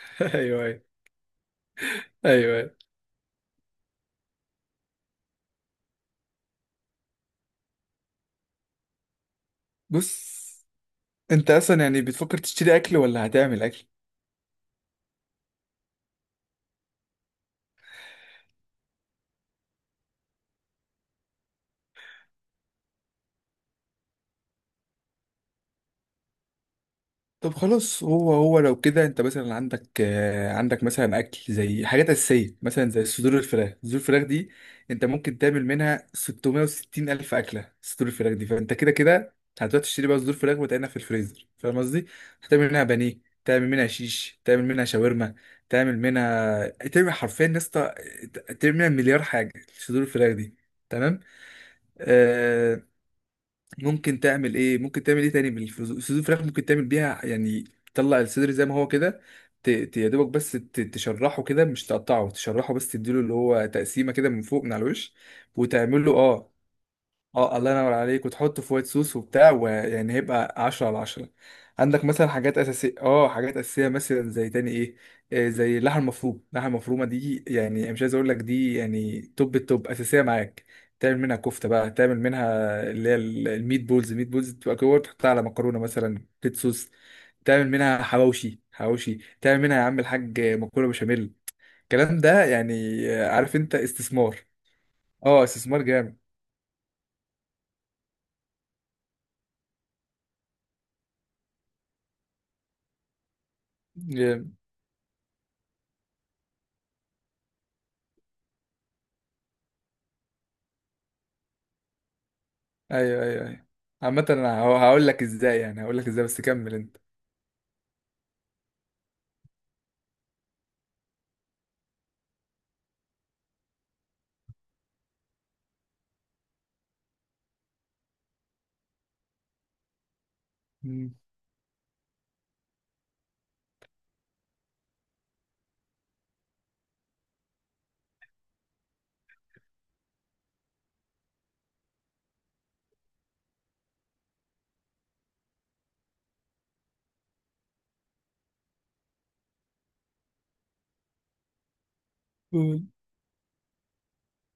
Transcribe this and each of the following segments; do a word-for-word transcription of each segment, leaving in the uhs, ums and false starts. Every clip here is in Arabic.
ايوه ايوه ايوه أيوة. بص انت اصلا يعني بتفكر تشتري اكل ولا هتعمل اكل؟ طب خلاص هو هو لو كده انت مثلا عندك آه، عندك مثلا اكل زي حاجات اساسيه مثلا زي صدور الفراخ، صدور الفراخ دي انت ممكن تعمل منها ستمائة الف اكله. صدور الفراخ دي فانت كده كده هتروح تشتري بقى صدور فراخ وتعينها في الفريزر، فاهم قصدي؟ هتعمل منها بانيه، تعمل منها شيش، تعمل منها شاورما، تعمل منها تعمل حرفيا يا اسطى تعمل منها مليار حاجه، صدور الفراخ دي. تمام؟ آه. ممكن تعمل ايه ممكن تعمل ايه تاني بالفلوس؟ صدور الفراخ ممكن تعمل بيها يعني تطلع الصدر زي ما هو كده. ت- ت- يا دوبك بس ت- تشرحه كده، مش تقطعه، تشرحه بس، تديله اللي هو تقسيمه كده من فوق، من على الوش، وتعمله، اه. اه الله ينور عليك، وتحطه في وايت صوص وبتاع ويعني هيبقى عشرة على عشرة. عندك مثلا حاجات أساسية، اه حاجات أساسية مثلا زي تاني ايه؟ آه، زي اللحمة المفرومة، اللحمة المفرومة دي يعني أنا مش عايز اقول لك دي يعني توب التوب، أساسية معاك. تعمل منها كفتة بقى، تعمل منها اللي هي ال- الميت بولز، الميت بولز تبقى كور تحطها على مكرونة مثلا ريد صوص. تعمل منها حواوشي، حواوشي تعمل منها يا عم الحاج، مكرونة بشاميل، الكلام ده يعني. آه، عارف انت؟ استثمار. اه، استثمار جامد. ايوه ايوه ايوه. عامة انا هو- هقول لك ازاي، يعني هقول لك ازاي، بس كمل انت. مم. قول.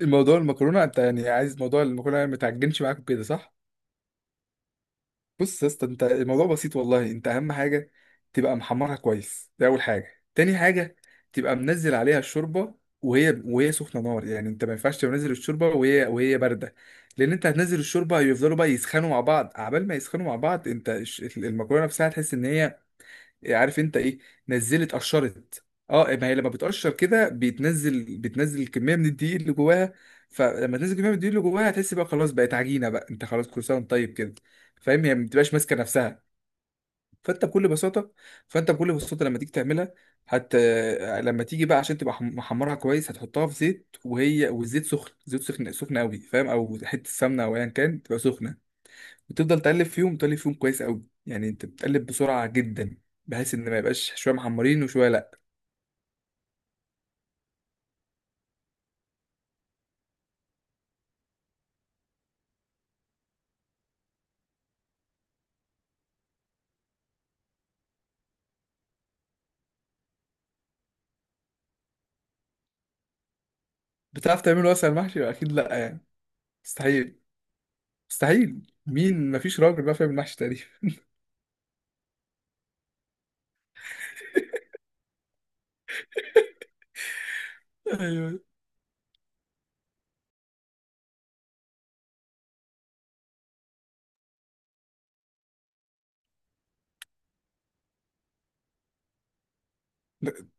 الموضوع المكرونة انت يعني عايز موضوع المكرونة ما تعجنش معاك كده، صح؟ بص يا اسطى، انت الموضوع بسيط والله، انت اهم حاجة تبقى محمرها كويس، دي اول حاجة. تاني حاجة تبقى منزل عليها الشوربة وهي وهي سخنة نار، يعني انت ما ينفعش تنزل الشوربة وهي وهي باردة، لان انت هتنزل الشوربة يفضلوا بقى يسخنوا مع بعض، عبال ما يسخنوا مع بعض انت الش- المكرونة نفسها تحس ان هي، إيه، عارف انت ايه، نزلت قشرت. اه، ما هي لما بتقشر كده بتنزل، بتنزل كميه من الدقيق اللي جواها، فلما تنزل كميه من الدقيق اللي جواها هتحس بقى خلاص بقت عجينه بقى، انت خلاص كل سنه وانت طيب كده. فاهم؟ هي ما بتبقاش ماسكه نفسها. فانت بكل بساطه فانت بكل بساطه لما تيجي تعملها، هت لما تيجي بقى عشان تبقى حم- محمرها كويس هتحطها في زيت وهي والزيت سخن، زيت سخن سخن قوي، فاهم؟ او حته سمنه او ايا كان، تبقى سخنه. بتفضل تقلب فيهم، تقلب فيهم كويس قوي، يعني انت بتقلب بسرعه جدا بحيث ان ما يبقاش شويه محمرين وشويه لا. بتعرف تعمله اصلا المحشي؟ اكيد، لا يعني؟ مستحيل. مستحيل مين؟ مفيش راجل بقى فاهم المحشي تقريبا. ايوه. لا.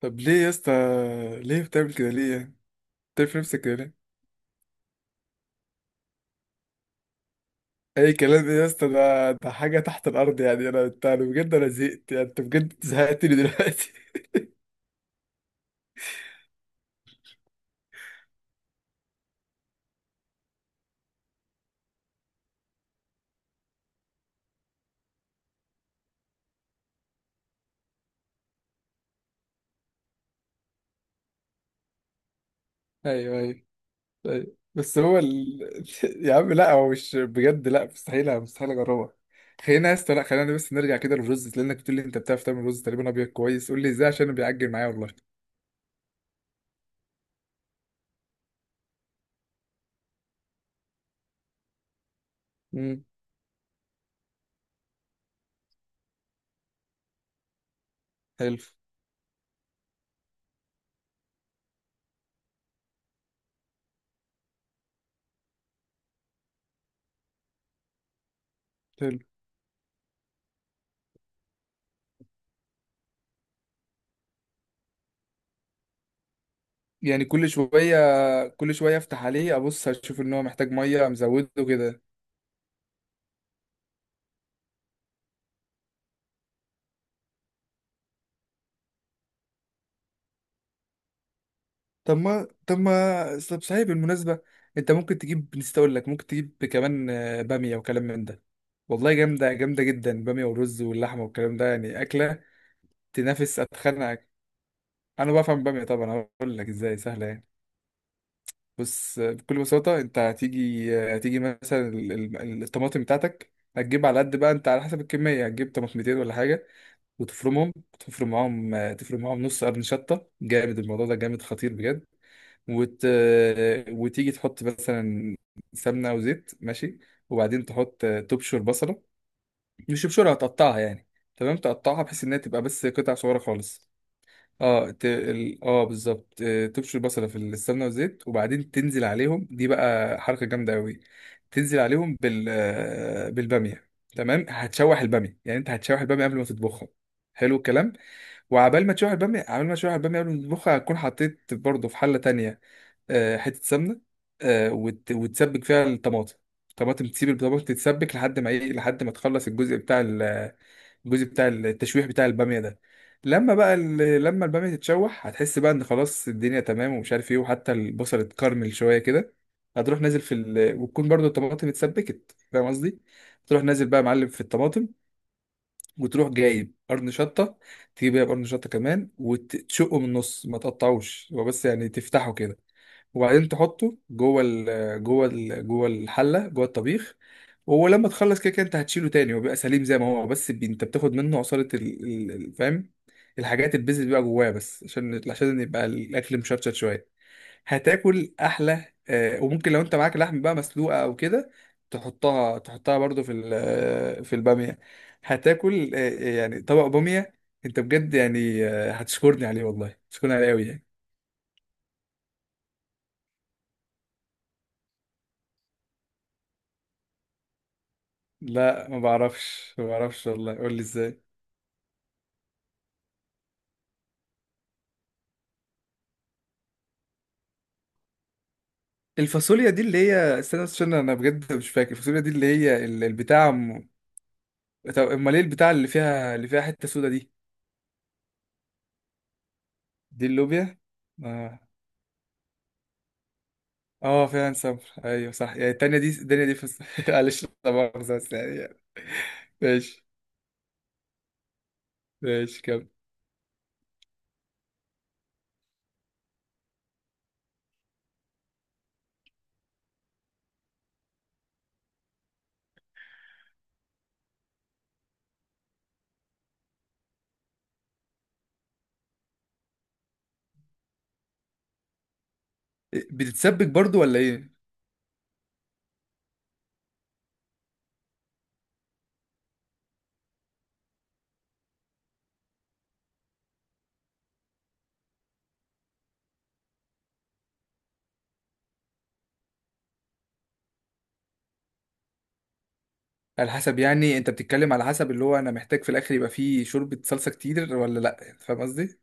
طب ليه يا اسطى، ليه بتعمل كده، ليه يعني؟ بتعمل في نفسك كده ليه؟ اي كلام ايه يا اسطى، ده ده حاجه تحت الارض يعني، انا انت، أنا بجد انا زهقت، يعني انت بجد زهقتني دلوقتي. ايوه ايوه. طيب بس هو ال... يا عم لا، هو مش بجد، لا مستحيل، مستحيل اجربها. خلينا يا اسطى، لا خلينا بس نرجع كده للرز، لانك بتقول لي انت بتعرف تعمل رز تقريبا ابيض كويس، قول لي ازاي عشان أنا بيعجل معايا والله. امم. حلو. حلو. يعني كل شويه، كل شويه افتح عليه ابص اشوف ان هو محتاج ميه مزوده كده. طب ما طب ما طب صحيح بالمناسبه، انت ممكن تجيب، نسيت اقول لك، ممكن تجيب كمان آه، باميه وكلام من ده. والله جامده، جامده جدا، باميه والرز واللحمه والكلام ده يعني اكله تنافس، اتخنقك. انا بفهم بقى طبعا، هقول لك ازاي، سهله يعني. بص بكل بساطه، انت هتيجي، هتيجي مثلا ال- ال- الطماطم بتاعتك، هتجيب على قد بقى انت على حسب الكميه، هتجيب طماطمتين ولا حاجه وتفرمهم، تفرم معاهم، تفرم معاهم نص قرن شطه. جامد الموضوع ده، جامد خطير بجد. وت... وتيجي تحط مثلا سمنه او زيت، ماشي. وبعدين تحط، تبشر بصله، مش تبشرها، هتقطعها يعني، تمام؟ تقطعها بحيث انها تبقى بس قطع صغيره خالص. اه ت... ال- اه بالظبط، آه، تبشر البصله في السمنه والزيت، وبعدين تنزل عليهم، دي بقى حركه جامده قوي، تنزل عليهم بال آه، بالباميه، تمام؟ هتشوح الباميه، يعني انت هتشوح الباميه قبل ما تطبخها. حلو الكلام. وعبال ما تشوح الباميه، عبال ما تشوح الباميه قبل ما تطبخها، هتكون حطيت برضه في حله تانية آه، حته سمنه، آه، وت... وتسبك فيها الطماطم، طماطم، تسيب الطماطم تتسبك لحد ما ايه، لحد ما تخلص الجزء بتاع، الجزء بتاع التشويح بتاع الباميه ده. لما بقى ال- لما الباميه تتشوح هتحس بقى ان خلاص الدنيا تمام، ومش عارف ايه، وحتى البصل اتكرمل شويه كده، هتروح نازل في ال... وتكون برضو الطماطم اتسبكت، فاهم قصدي؟ تروح نازل بقى يا معلم في الطماطم، وتروح جايب قرن شطه، تجيب بقى قرن شطه كمان وتشقه من النص، ما تقطعوش هو، بس يعني تفتحه كده، وبعدين تحطه جوه ال، جوه ال جوه الحله، جوه الطبيخ. ولما تخلص، كده كده انت هتشيله تاني، وبيبقى سليم زي ما هو بس بي- انت بتاخد منه عصاره ال- ال- ال- فاهم؟ الحاجات البيز اللي بيبقى جواه، بس عشان عشان يبقى الاكل مشطشط شويه، هتاكل احلى. آه، وممكن لو انت معاك لحم بقى مسلوقه او كده، تحطها، تحطها برضو في ال- آه، في الباميه. هتاكل آه، يعني طبق باميه انت بجد يعني آه، هتشكرني عليه، والله هتشكرني عليه قوي يعني. لا ما بعرفش، ما بعرفش والله، قول لي ازاي. الفاصوليا دي اللي هي، استنى بس، عشان انا بجد مش فاكر، الفاصوليا دي اللي هي ال- البتاع م... طب امال ايه البتاع اللي فيها، اللي فيها حته سودا دي؟ دي اللوبيا؟ اه. اه، فعلا صبر، ايوع صح، يعني التانية دي الدنيا دي فص... معلش لا مؤاخذة بس يعني. ماشي. ماشي كمل. بتتسبك برضو ولا ايه؟ على حسب، يعني انت بتتكلم على حسب اللي هو انا محتاج في الاخر يبقى فيه شوربة صلصة كتير ولا لا، فاهم قصدي؟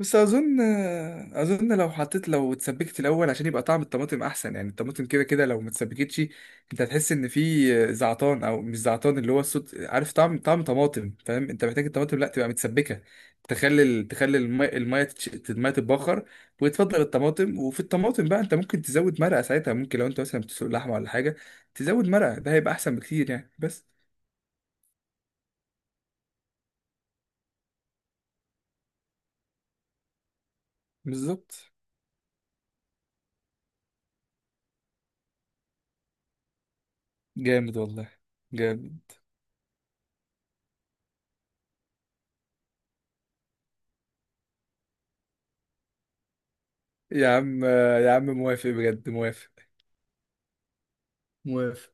بس اظن، اظن لو حطيت، لو اتسبكت الاول عشان يبقى طعم الطماطم احسن، يعني الطماطم كده كده لو ما اتسبكتش انت هتحس ان في زعتان، او مش زعتان اللي هو الصوت، عارف؟ طعم، طعم طماطم، فاهم؟ انت محتاج الطماطم لا تبقى متسبكه، تخلي ال- تخلي الماء، الماء تتش- الماء تتبخر، وتفضل الطماطم، وفي الطماطم بقى انت ممكن تزود مرقه ساعتها، ممكن لو انت مثلا بتسلق لحمه ولا حاجه تزود مرقه، ده هيبقى احسن بكتير يعني، بس. بالظبط. جامد والله. جامد. يا عم، يا عم موافق بجد، موافق، موافق